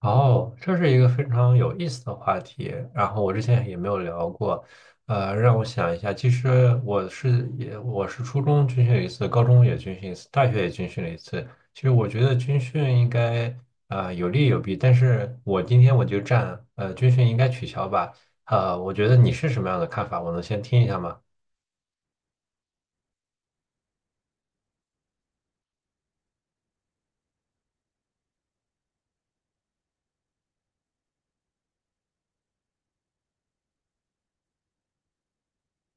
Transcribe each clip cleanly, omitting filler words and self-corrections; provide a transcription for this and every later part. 哦，这是一个非常有意思的话题，然后我之前也没有聊过，让我想一下。其实我是初中军训了一次，高中也军训一次，大学也军训了一次。其实我觉得军训应该有利有弊，但是我今天就站军训应该取消吧。我觉得你是什么样的看法？我能先听一下吗？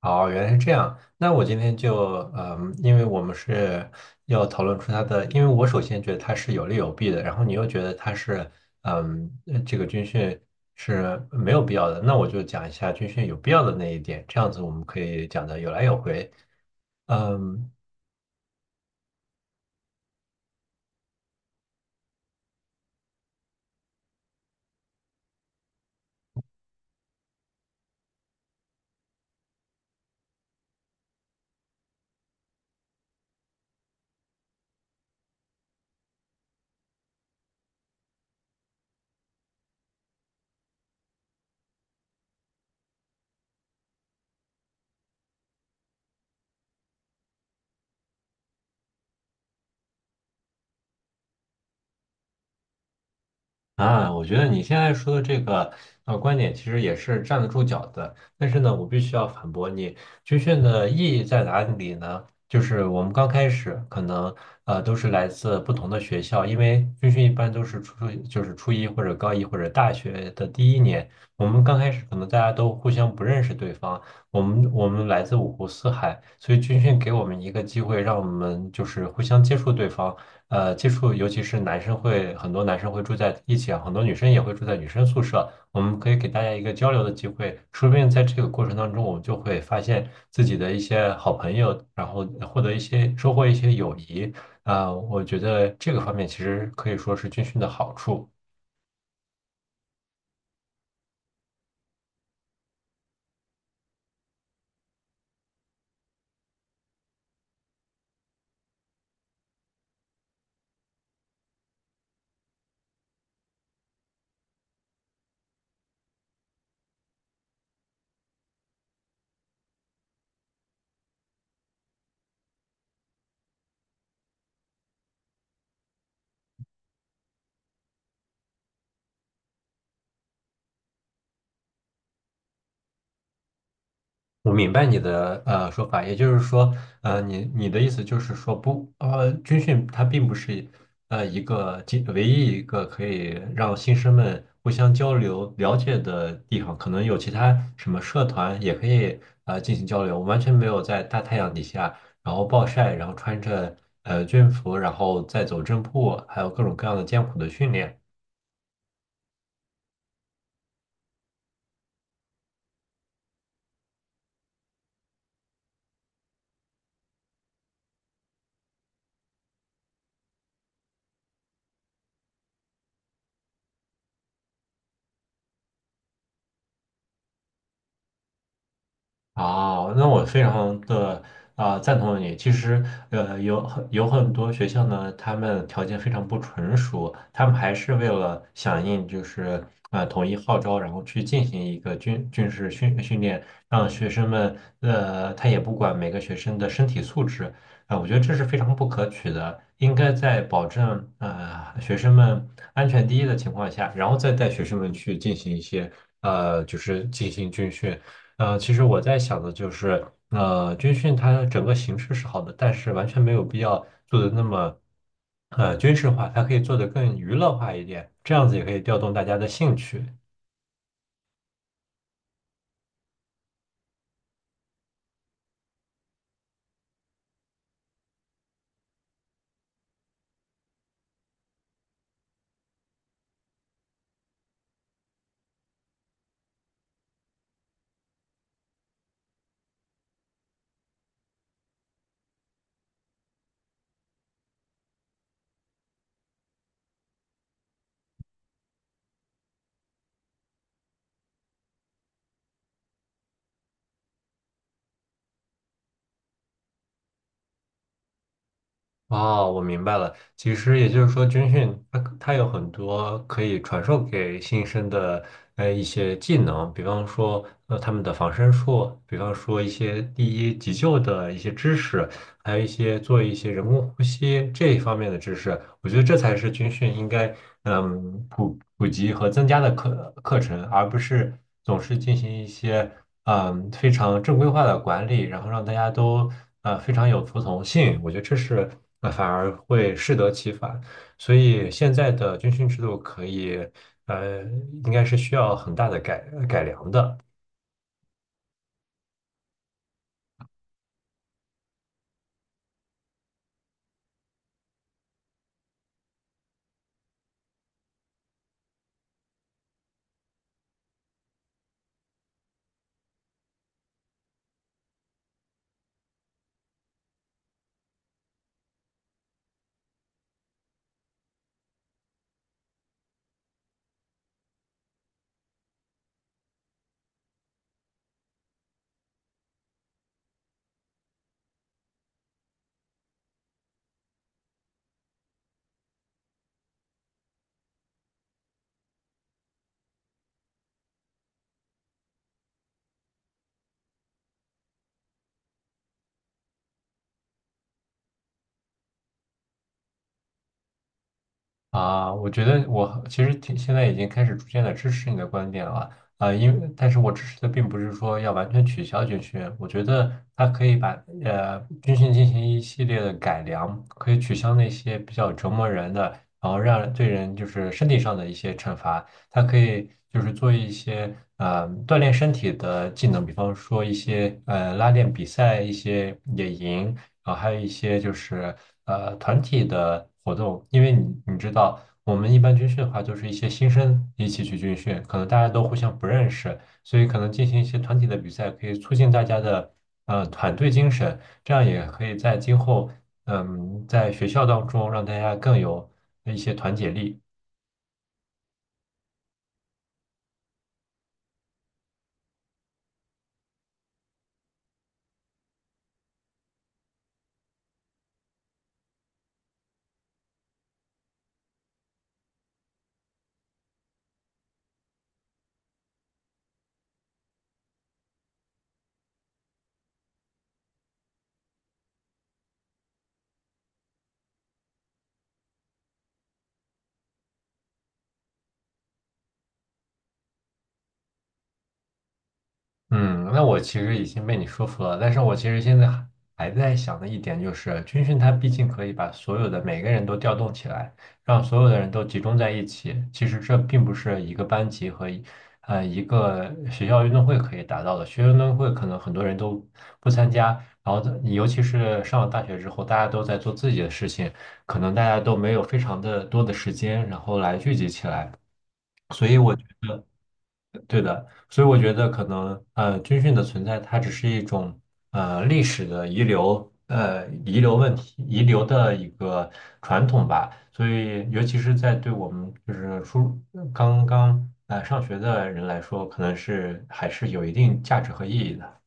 哦，原来是这样。那我今天就，嗯，因为我们是要讨论出它的，因为我首先觉得它是有利有弊的，然后你又觉得它是，嗯，这个军训是没有必要的，那我就讲一下军训有必要的那一点，这样子我们可以讲的有来有回。嗯。啊，我觉得你现在说的这个观点其实也是站得住脚的，但是呢，我必须要反驳你。军训的意义在哪里呢？就是我们刚开始可能都是来自不同的学校，因为军训一般都是初就是初一或者高一或者大学的第一年，我们刚开始可能大家都互相不认识对方，我们来自五湖四海，所以军训给我们一个机会，让我们就是互相接触对方。呃接触，尤其是男生会很多男生会住在一起啊，很多女生也会住在女生宿舍，我们可以给大家一个交流的机会，说不定在这个过程当中，我们就会发现自己的一些好朋友，然后获得一些收获一些友谊啊，我觉得这个方面其实可以说是军训的好处。我明白你的说法，也就是说，呃，你的意思就是说不，呃，军训它并不是呃一个仅唯一一个可以让新生们互相交流了解的地方，可能有其他什么社团也可以进行交流。我完全没有在大太阳底下，然后暴晒，然后穿着军服，然后再走正步，还有各种各样的艰苦的训练。啊，那我非常的赞同你。其实，呃，有很多学校呢，他们条件非常不成熟，他们还是为了响应统一号召，然后去进行一个军事训练，让学生们他也不管每个学生的身体素质啊、我觉得这是非常不可取的。应该在保证学生们安全第一的情况下，然后再带学生们去进行一些进行军训。呃，其实我在想的就是，呃，军训它整个形式是好的，但是完全没有必要做的那么，呃，军事化，它可以做得更娱乐化一点，这样子也可以调动大家的兴趣。哦，我明白了。其实也就是说，军训它有很多可以传授给新生的一些技能，比方说他们的防身术，比方说一些第一急救的一些知识，还有一些做一些人工呼吸这一方面的知识。我觉得这才是军训应该嗯普及和增加的课程，而不是总是进行一些嗯非常正规化的管理，然后让大家都非常有服从性。我觉得这是。那反而会适得其反。所以现在的军训制度可以，呃，应该是需要很大的改良的。啊，我觉得我其实挺现在已经开始逐渐的支持你的观点了啊，因为但是我支持的并不是说要完全取消军训，我觉得它可以把军训进行一系列的改良，可以取消那些比较折磨人的，然后让对人就是身体上的一些惩罚，它可以就是做一些锻炼身体的技能，比方说一些拉练比赛、一些野营。啊，还有一些就是团体的活动，因为你知道，我们一般军训的话，就是一些新生一起去军训，可能大家都互相不认识，所以可能进行一些团体的比赛，可以促进大家的团队精神，这样也可以在今后嗯在学校当中让大家更有一些团结力。嗯，那我其实已经被你说服了，但是我其实现在还在想的一点就是，军训它毕竟可以把所有的每个人都调动起来，让所有的人都集中在一起。其实这并不是一个班级和一个学校运动会可以达到的。学校运动会可能很多人都不参加，然后尤其是上了大学之后，大家都在做自己的事情，可能大家都没有非常的多的时间，然后来聚集起来。对的，所以我觉得可能呃，军训的存在它只是一种历史的遗留，呃遗留问题，遗留的一个传统吧。所以，尤其是在对我们就是初刚刚上学的人来说，可能是还是有一定价值和意义的。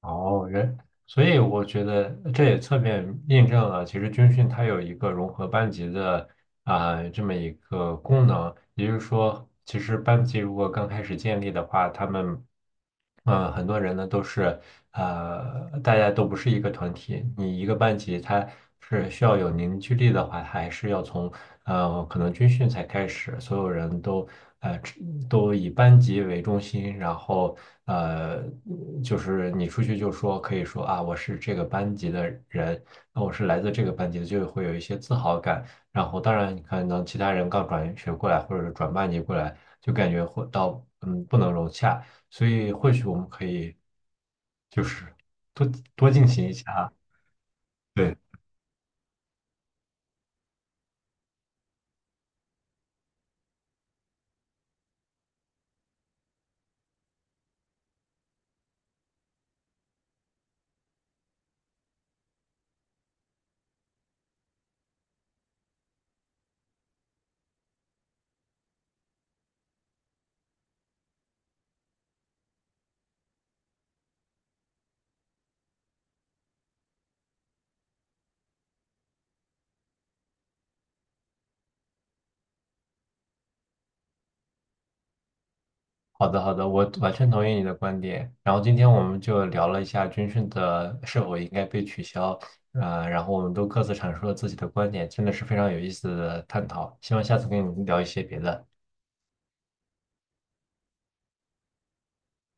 哦，人，所以我觉得这也侧面印证了，其实军训它有一个融合班级的这么一个功能，也就是说，其实班级如果刚开始建立的话，他们很多人呢都是大家都不是一个团体，你一个班级它。是需要有凝聚力的话，还是要从可能军训才开始，所有人都呃只都以班级为中心，然后呃就是你出去就说可以说啊我是这个班级的人，那我是来自这个班级的，就会有一些自豪感。然后当然你可能其他人刚转学过来或者是转班级过来，就感觉会到嗯不能融洽，所以或许我们可以就是多多进行一下啊，对。好的，好的，我完全同意你的观点。然后今天我们就聊了一下军训的是否应该被取消，呃，然后我们都各自阐述了自己的观点，真的是非常有意思的探讨。希望下次跟你聊一些别的。